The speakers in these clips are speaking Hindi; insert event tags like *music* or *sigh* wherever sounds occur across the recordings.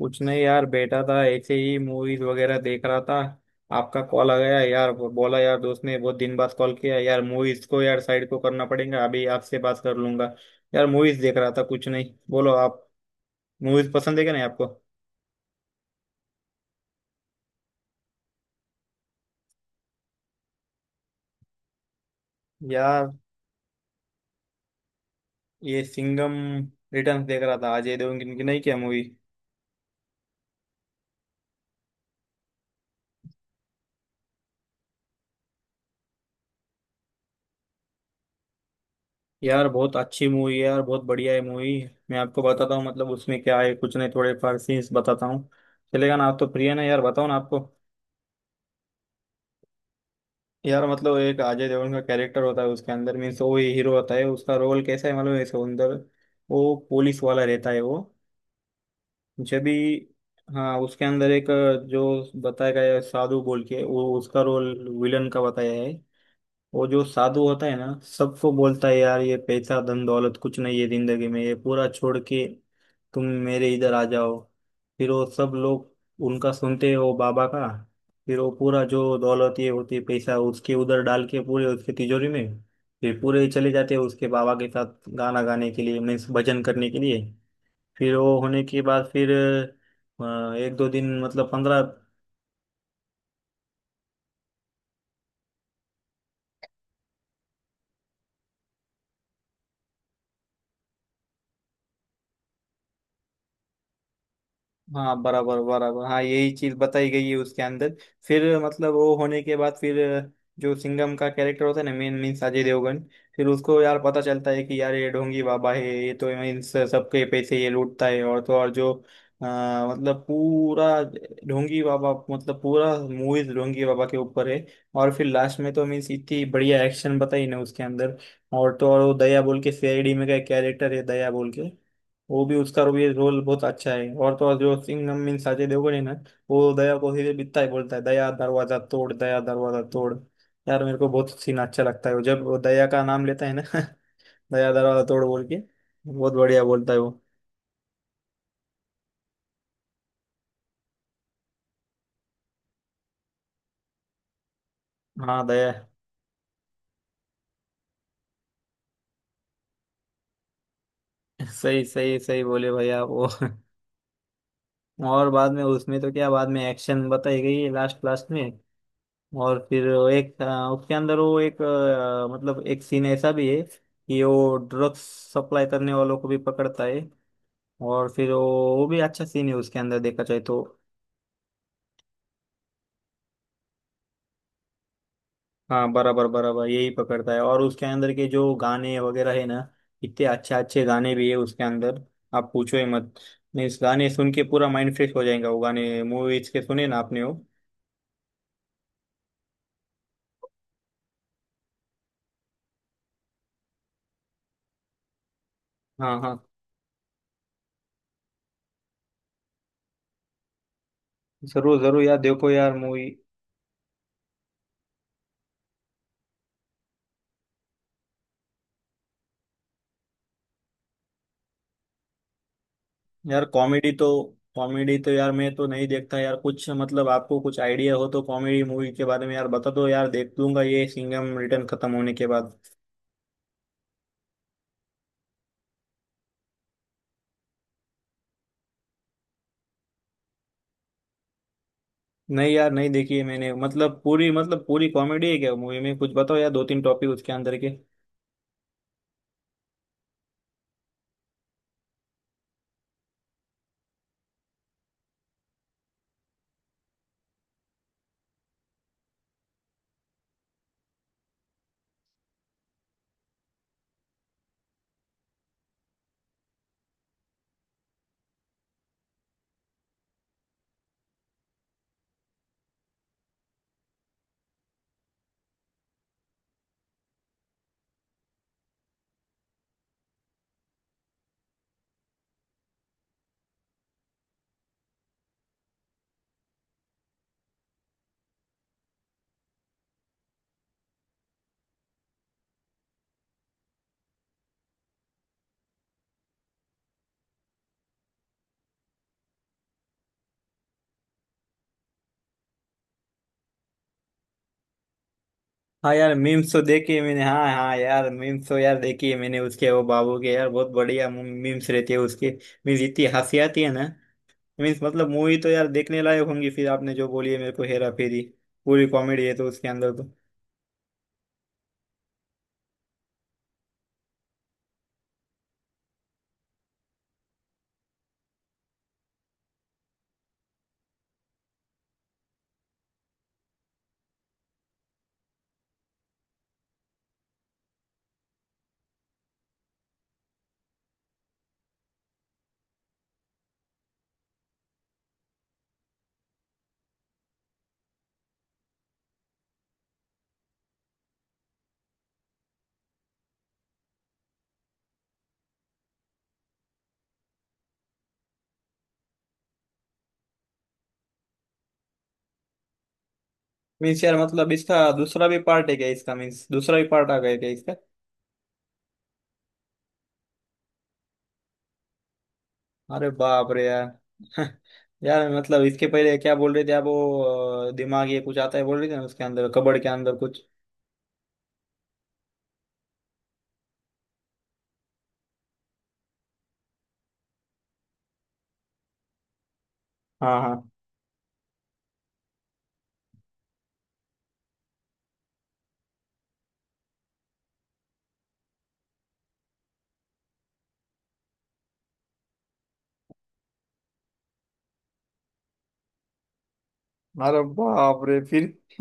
कुछ नहीं यार बैठा था ऐसे ही मूवीज वगैरह देख रहा था। आपका कॉल आ गया यार, वो बोला यार दोस्त ने बहुत दिन बाद कॉल किया यार मूवीज को यार साइड को करना पड़ेगा, अभी आपसे बात कर लूंगा। यार मूवीज देख रहा था, कुछ नहीं, बोलो आप। मूवीज पसंद है क्या नहीं आपको? यार ये सिंघम रिटर्न्स देख रहा था अजय देवगन की, नहीं क्या मूवी। यार बहुत अच्छी मूवी है यार, बहुत बढ़िया है मूवी। मैं आपको बताता हूँ मतलब उसमें क्या है, कुछ नहीं थोड़े फार सीन्स बताता हूँ। चलेगा ना आप तो प्रिय ना, यार बताओ ना आपको। यार मतलब एक अजय देवगन का कैरेक्टर होता है उसके अंदर, मीन्स वो ही हीरो होता है, उसका रोल कैसा है मालूम है इसके अंदर। वो पुलिस वाला रहता है वो, जब भी, हाँ, उसके अंदर एक जो बताया गया है साधु बोल के, वो उसका रोल विलन का बताया है। वो जो साधु होता है ना, सबको बोलता है यार ये पैसा धन दौलत कुछ नहीं है जिंदगी में, ये पूरा छोड़ के तुम मेरे इधर आ जाओ। फिर वो सब लोग उनका सुनते हैं, वो बाबा का। फिर वो पूरा जो दौलत ये होती है पैसा, उसके उधर डाल के पूरे उसके तिजोरी में। फिर पूरे चले जाते हैं उसके बाबा के साथ गाना गाने के लिए, मीन्स भजन करने के लिए। फिर वो होने के बाद फिर एक दो दिन मतलब 15। हाँ बराबर बराबर, हाँ यही चीज बताई गई है उसके अंदर। फिर मतलब वो होने के बाद फिर, जो सिंघम का कैरेक्टर होता है ना मेन, मीन्स अजय देवगन। फिर उसको यार पता चलता है कि यार ये ढोंगी बाबा है, ये तो मीन्स सबके पैसे ये लूटता है, और तो और जो मतलब पूरा ढोंगी बाबा, मतलब पूरा मूवीज ढोंगी बाबा के ऊपर है। और फिर लास्ट में तो मीन्स इतनी बढ़िया एक्शन बताई ना उसके अंदर। और तो और वो दया बोल के सीआईडी में का कैरेक्टर है दया बोल के, वो भी उसका ये रोल बहुत अच्छा है, और तो और जो सिंघम मीन साजय देवगन है ना, वो दया को फिर बिता ही बिकता है, बोलता है दया दरवाजा तोड़, दया दरवाजा तोड़। यार मेरे को बहुत सीन अच्छा लगता है वो, जब वो दया का नाम लेता है ना *laughs* दया दरवाजा तोड़ बोल के, बहुत बढ़िया बोलता है वो। हाँ दया *laughs* सही सही सही बोले भैया आप वो *laughs* और बाद में उसमें तो क्या, बाद में एक्शन बताई गई है लास्ट लास्ट में। और फिर वो एक उसके अंदर वो एक मतलब एक सीन ऐसा भी है कि वो ड्रग्स सप्लाई करने वालों को भी पकड़ता है। और फिर वो भी अच्छा सीन है उसके अंदर देखा जाए तो। हाँ बराबर बराबर, यही पकड़ता है। और उसके अंदर के जो गाने वगैरह है ना, इतने अच्छे अच्छे गाने भी है उसके अंदर, आप पूछो ही मत। नहीं इस गाने सुन के पूरा माइंड फ्रेश हो जाएगा, वो गाने मूवीज के सुने ना आपने वो। हाँ हाँ जरूर जरूर, यार देखो यार मूवी। यार कॉमेडी तो, यार मैं तो नहीं देखता यार कुछ, मतलब आपको कुछ आइडिया हो तो कॉमेडी मूवी के बारे में यार बता दो, यार देख लूंगा ये सिंघम रिटर्न खत्म होने के बाद। नहीं यार, नहीं देखी है मैंने, मतलब पूरी कॉमेडी है क्या मूवी में? कुछ बताओ यार दो तीन टॉपिक उसके अंदर के। हाँ यार मीम्स तो देखे मैंने, हाँ हाँ यार मीम्स तो यार देखी है मैंने उसके, वो बाबू के यार बहुत बढ़िया मीम्स रहते हैं उसके। मीन्स इतनी हंसी आती है ना। मीन्स मतलब मूवी तो यार देखने लायक होंगी फिर, आपने जो बोली है मेरे को हेरा फेरी, पूरी कॉमेडी है तो उसके अंदर तो। मीन्स यार मतलब इसका दूसरा भी पार्ट है क्या इसका, मीन्स दूसरा भी पार्ट आ गया क्या इसका? अरे बाप रे यार *laughs* यार मतलब इसके पहले क्या बोल रहे थे आप वो दिमाग ये कुछ आता है बोल रहे थे ना उसके अंदर, कबड़ के अंदर कुछ। हाँ हाँ। अरे बाप रे फिर।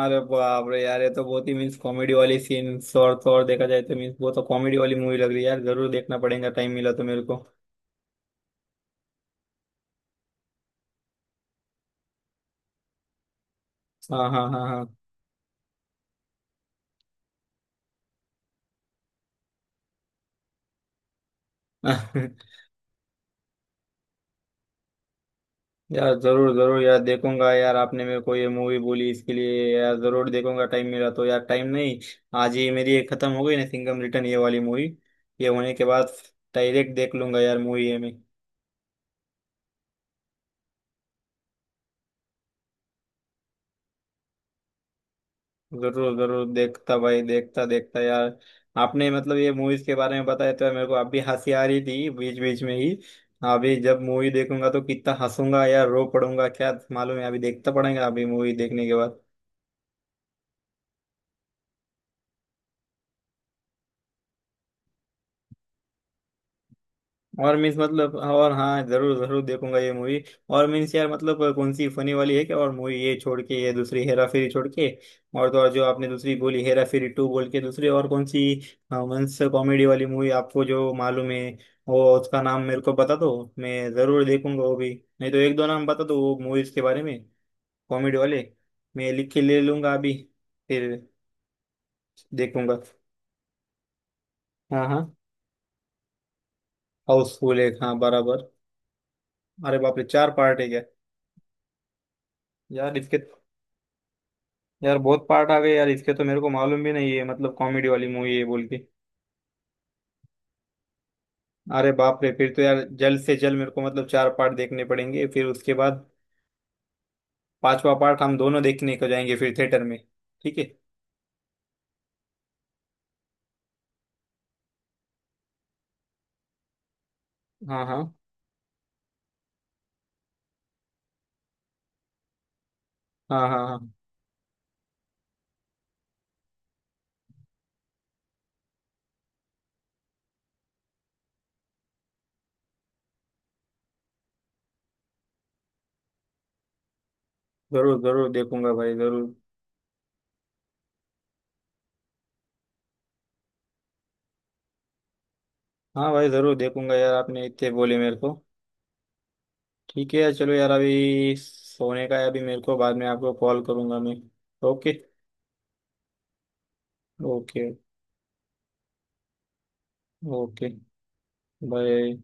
अरे बाप रे यार, ये तो बहुत ही मीन्स कॉमेडी वाली सीन, और तो और देखा जाए तो मीन्स बहुत तो कॉमेडी वाली मूवी लग रही है यार, जरूर देखना पड़ेगा टाइम मिला तो मेरे को। हाँ हाँ हाँ हाँ *laughs* यार जरूर जरूर यार देखूंगा यार, आपने मेरे को ये मूवी बोली इसके लिए यार, जरूर देखूंगा टाइम मिला तो, यार टाइम नहीं, आज ही मेरी ये खत्म हो गई ना सिंघम रिटर्न ये वाली मूवी, ये होने के बाद डायरेक्ट देख लूंगा यार मूवी ये मैं। जरूर जरूर देखता भाई, देखता देखता यार। आपने मतलब ये मूवीज के बारे में बताया तो यार मेरे को अब भी हंसी आ रही थी बीच बीच में ही। अभी जब मूवी देखूंगा तो कितना हंसूंगा यार, रो पड़ूंगा क्या मालूम है, अभी देखता पड़ेगा अभी मूवी देखने के बाद। और मीन्स मतलब और हाँ, जरूर जरूर देखूंगा ये मूवी। और मीन्स यार मतलब कौन सी फनी वाली है क्या और मूवी, ये छोड़ के, ये दूसरी हेरा फेरी छोड़ के, और तो और जो आपने दूसरी बोली हेरा फेरी टू बोल के, दूसरी और कौन सी मीन्स कॉमेडी वाली मूवी आपको जो मालूम है, वो उसका नाम मेरे को बता दो, मैं जरूर देखूंगा वो भी। नहीं तो एक दो नाम बता दो वो मूवीज के बारे में, कॉमेडी वाले, मैं लिख के ले लूंगा अभी, फिर देखूंगा। हाँ हाँ हाउसफुल एक, हाँ बराबर। अरे बाप रे चार पार्ट है क्या? यार इसके, यार बहुत पार्ट आ गए यार इसके, तो मेरे को मालूम भी नहीं है मतलब कॉमेडी वाली मूवी है बोल के। अरे बाप रे, फिर तो यार जल्द से जल्द मेरे को मतलब चार पार्ट देखने पड़ेंगे, फिर उसके बाद पांचवा पार्ट हम दोनों देखने को जाएंगे फिर थिएटर में। ठीक है। हाँ हाँ हाँ हाँ हाँ, जरूर जरूर देखूंगा भाई जरूर। हाँ भाई जरूर देखूंगा यार, आपने इतने बोले मेरे को। ठीक है यार, चलो यार अभी सोने का है, अभी मेरे को, बाद में आपको कॉल करूंगा मैं। ओके। ओके। ओके। बाय।